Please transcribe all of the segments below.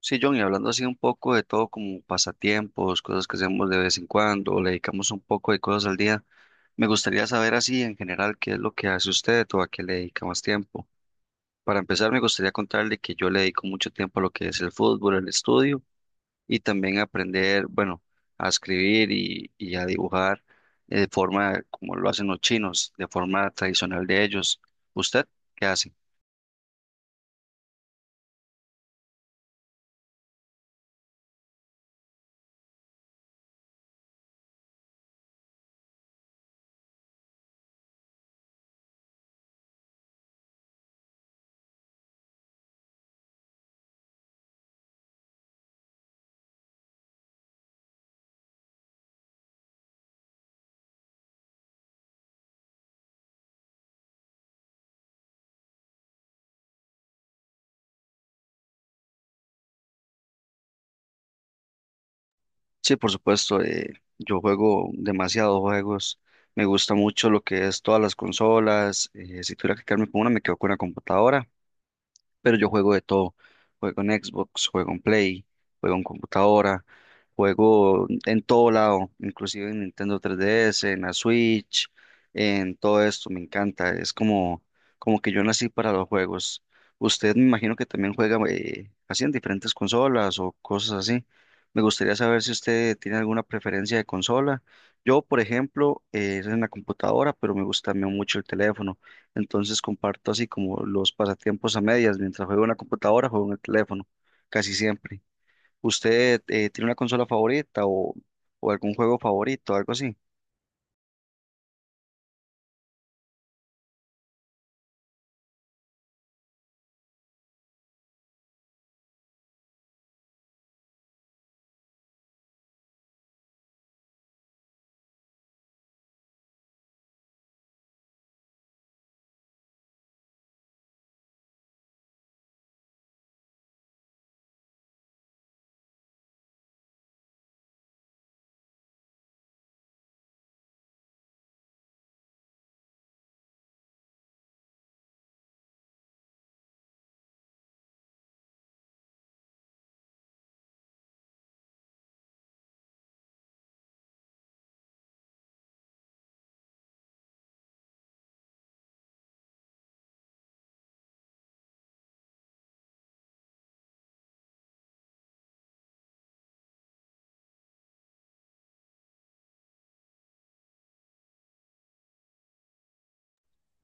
Sí, John, y hablando así un poco de todo como pasatiempos, cosas que hacemos de vez en cuando, le dedicamos un poco de cosas al día, me gustaría saber así en general qué es lo que hace usted o a qué le dedica más tiempo. Para empezar, me gustaría contarle que yo le dedico mucho tiempo a lo que es el fútbol, el estudio y también aprender, bueno, a escribir y a dibujar de forma como lo hacen los chinos, de forma tradicional de ellos. ¿Usted qué hace? Sí, por supuesto, yo juego demasiados juegos, me gusta mucho lo que es todas las consolas, si tuviera que quedarme con una me quedo con la computadora, pero yo juego de todo. Juego en Xbox, juego en Play, juego en computadora, juego en todo lado, inclusive en Nintendo 3DS, en la Switch, en todo esto, me encanta. Es como, como que yo nací para los juegos. Usted, me imagino que también juega así en diferentes consolas o cosas así. Me gustaría saber si usted tiene alguna preferencia de consola. Yo, por ejemplo, es en la computadora, pero me gusta también mucho el teléfono. Entonces comparto así como los pasatiempos a medias, mientras juego en la computadora, juego en el teléfono, casi siempre. ¿Usted tiene una consola favorita o algún juego favorito, algo así?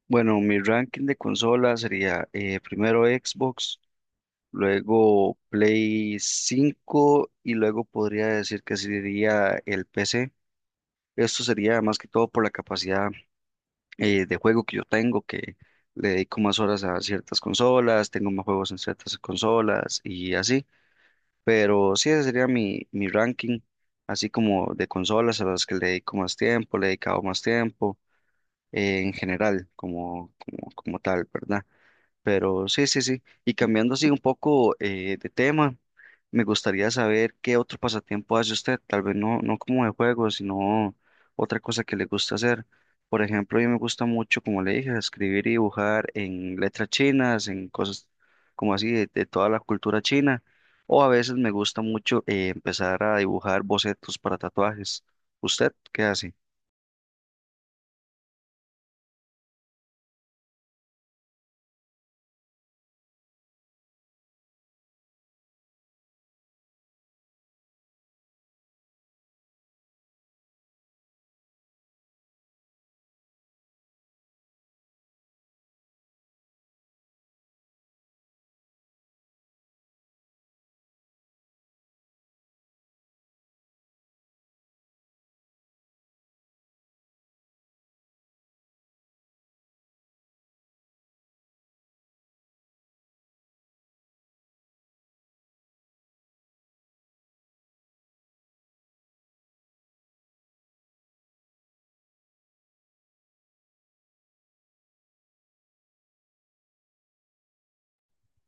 Bueno, mi ranking de consolas sería primero Xbox, luego Play 5 y luego podría decir que sería el PC. Esto sería más que todo por la capacidad de juego que yo tengo, que le dedico más horas a ciertas consolas, tengo más juegos en ciertas consolas y así. Pero sí, ese sería mi ranking, así como de consolas a las que le dedico más tiempo, le he dedicado más tiempo, en general, como tal, ¿verdad? Pero sí, sí, sí. Y cambiando así un poco de tema, me gustaría saber qué otro pasatiempo hace usted. Tal vez no, no como de juego, sino otra cosa que le gusta hacer. Por ejemplo, a mí me gusta mucho, como le dije, escribir y dibujar en letras chinas, en cosas como así de toda la cultura china. O a veces me gusta mucho empezar a dibujar bocetos para tatuajes. ¿Usted qué hace?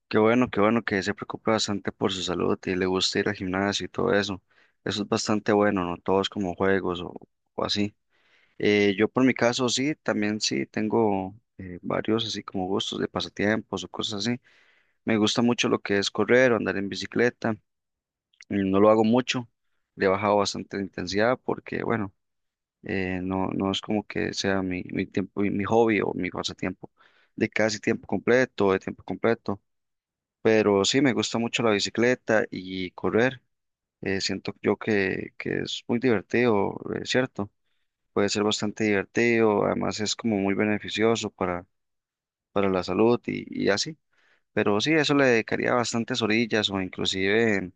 Qué bueno que se preocupe bastante por su salud y le gusta ir al gimnasio y todo eso. Eso es bastante bueno, ¿no? Todos como juegos o así. Yo por mi caso sí, también sí tengo varios así como gustos de pasatiempos o cosas así. Me gusta mucho lo que es correr o andar en bicicleta. No lo hago mucho, le he bajado bastante la intensidad porque, bueno, no, no es como que sea mi tiempo, mi hobby o mi pasatiempo de casi tiempo completo, de tiempo completo. Pero sí, me gusta mucho la bicicleta y correr. Siento yo que es muy divertido, ¿cierto? Puede ser bastante divertido, además es como muy beneficioso para la salud y así. Pero sí, eso le dedicaría bastantes orillas o inclusive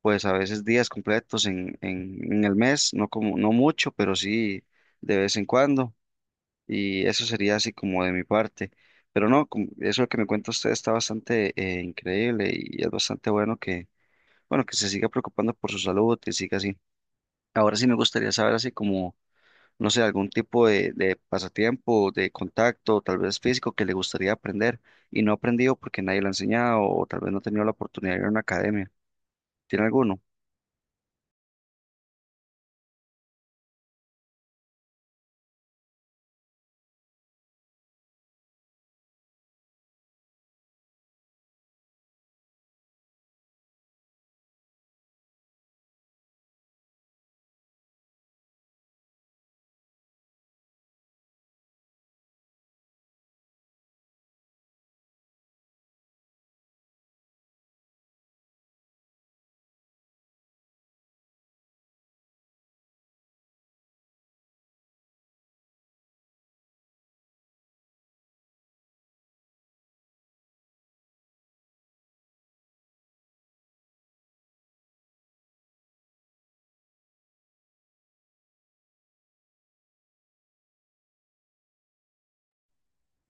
pues a veces días completos en el mes, no como, no mucho, pero sí de vez en cuando. Y eso sería así como de mi parte. Pero no, como- eso que me cuenta usted está bastante increíble y es bastante bueno, que se siga preocupando por su salud y siga así. Ahora sí me gustaría saber así como, no sé, algún tipo de pasatiempo, de contacto, tal vez físico, que le gustaría aprender y no ha aprendido porque nadie lo ha enseñado o tal vez no ha tenido la oportunidad de ir a una academia. ¿Tiene alguno?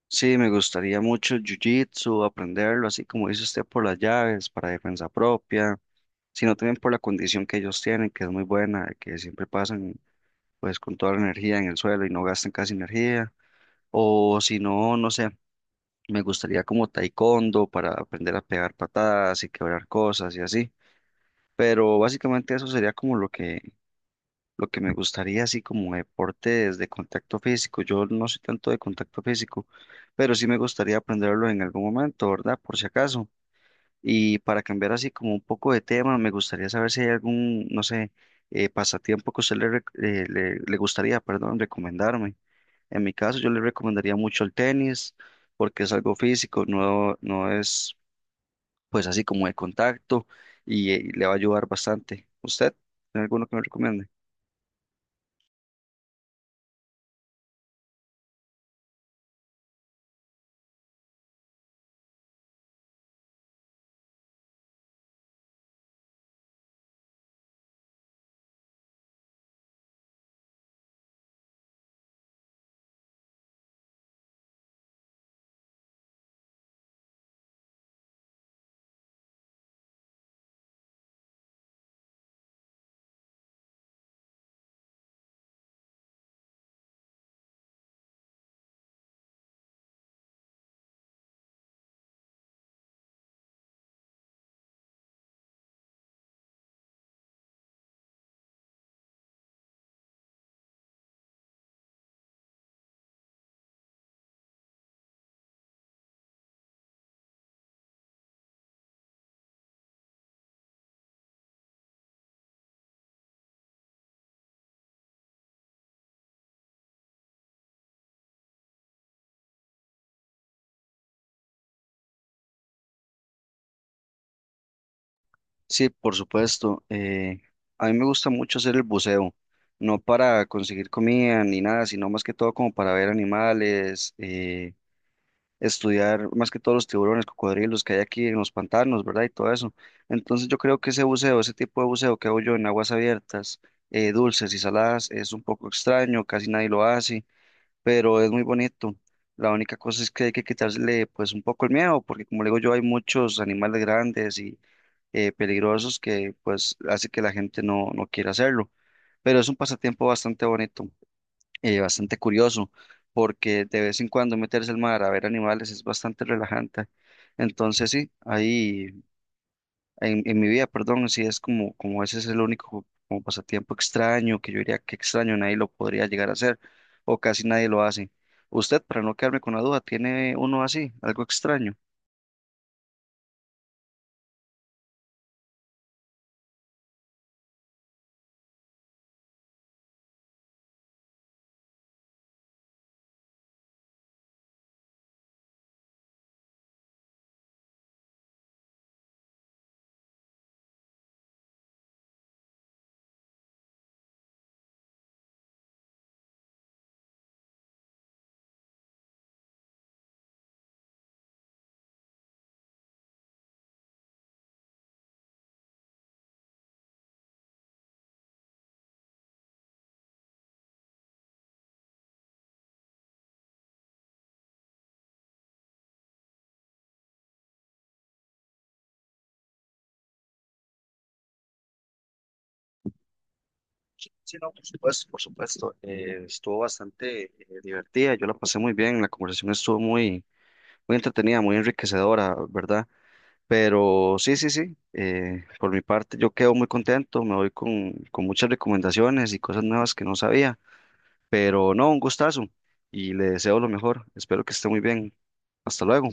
Sí, me gustaría mucho jiu-jitsu, aprenderlo, así como dice usted, por las llaves, para defensa propia, sino también por la condición que ellos tienen, que es muy buena, que siempre pasan pues con toda la energía en el suelo y no gastan casi energía, o si no, no sé. Me gustaría como taekwondo para aprender a pegar patadas y quebrar cosas y así. Pero básicamente eso sería como lo que me gustaría, así como deportes de contacto físico. Yo no soy tanto de contacto físico, pero sí me gustaría aprenderlo en algún momento, ¿verdad? Por si acaso. Y para cambiar así como un poco de tema, me gustaría saber si hay algún, no sé, pasatiempo que a usted le, rec- le gustaría, perdón, recomendarme. En mi caso, yo le recomendaría mucho el tenis porque es algo físico, no, no es pues así como de contacto y, le va a ayudar bastante. ¿Usted tiene alguno que me recomiende? Sí, por supuesto. A mí me gusta mucho hacer el buceo, no para conseguir comida ni nada, sino más que todo como para ver animales, estudiar más que todos los tiburones, cocodrilos que hay aquí en los pantanos, ¿verdad? Y todo eso. Entonces yo creo que ese buceo, ese tipo de buceo que hago yo en aguas abiertas, dulces y saladas, es un poco extraño, casi nadie lo hace, pero es muy bonito. La única cosa es que hay que quitarle pues un poco el miedo, porque como le digo yo, hay muchos animales grandes y peligrosos que pues hace que la gente no, no quiera hacerlo. Pero es un pasatiempo bastante bonito, bastante curioso, porque de vez en cuando meterse al mar a ver animales es bastante relajante. Entonces sí, ahí en mi vida, perdón, sí es como, como ese es el único como pasatiempo extraño que yo diría que extraño, nadie lo podría llegar a hacer o casi nadie lo hace. Usted, para no quedarme con la duda, ¿tiene uno así, algo extraño? Sí, sí, no, por supuesto, por supuesto. Estuvo bastante divertida, yo la pasé muy bien, la conversación estuvo muy, muy entretenida, muy enriquecedora, ¿verdad? Pero sí, sí, sí, por mi parte yo quedo muy contento, me voy con muchas recomendaciones y cosas nuevas que no sabía, pero no, un gustazo y le deseo lo mejor, espero que esté muy bien, hasta luego.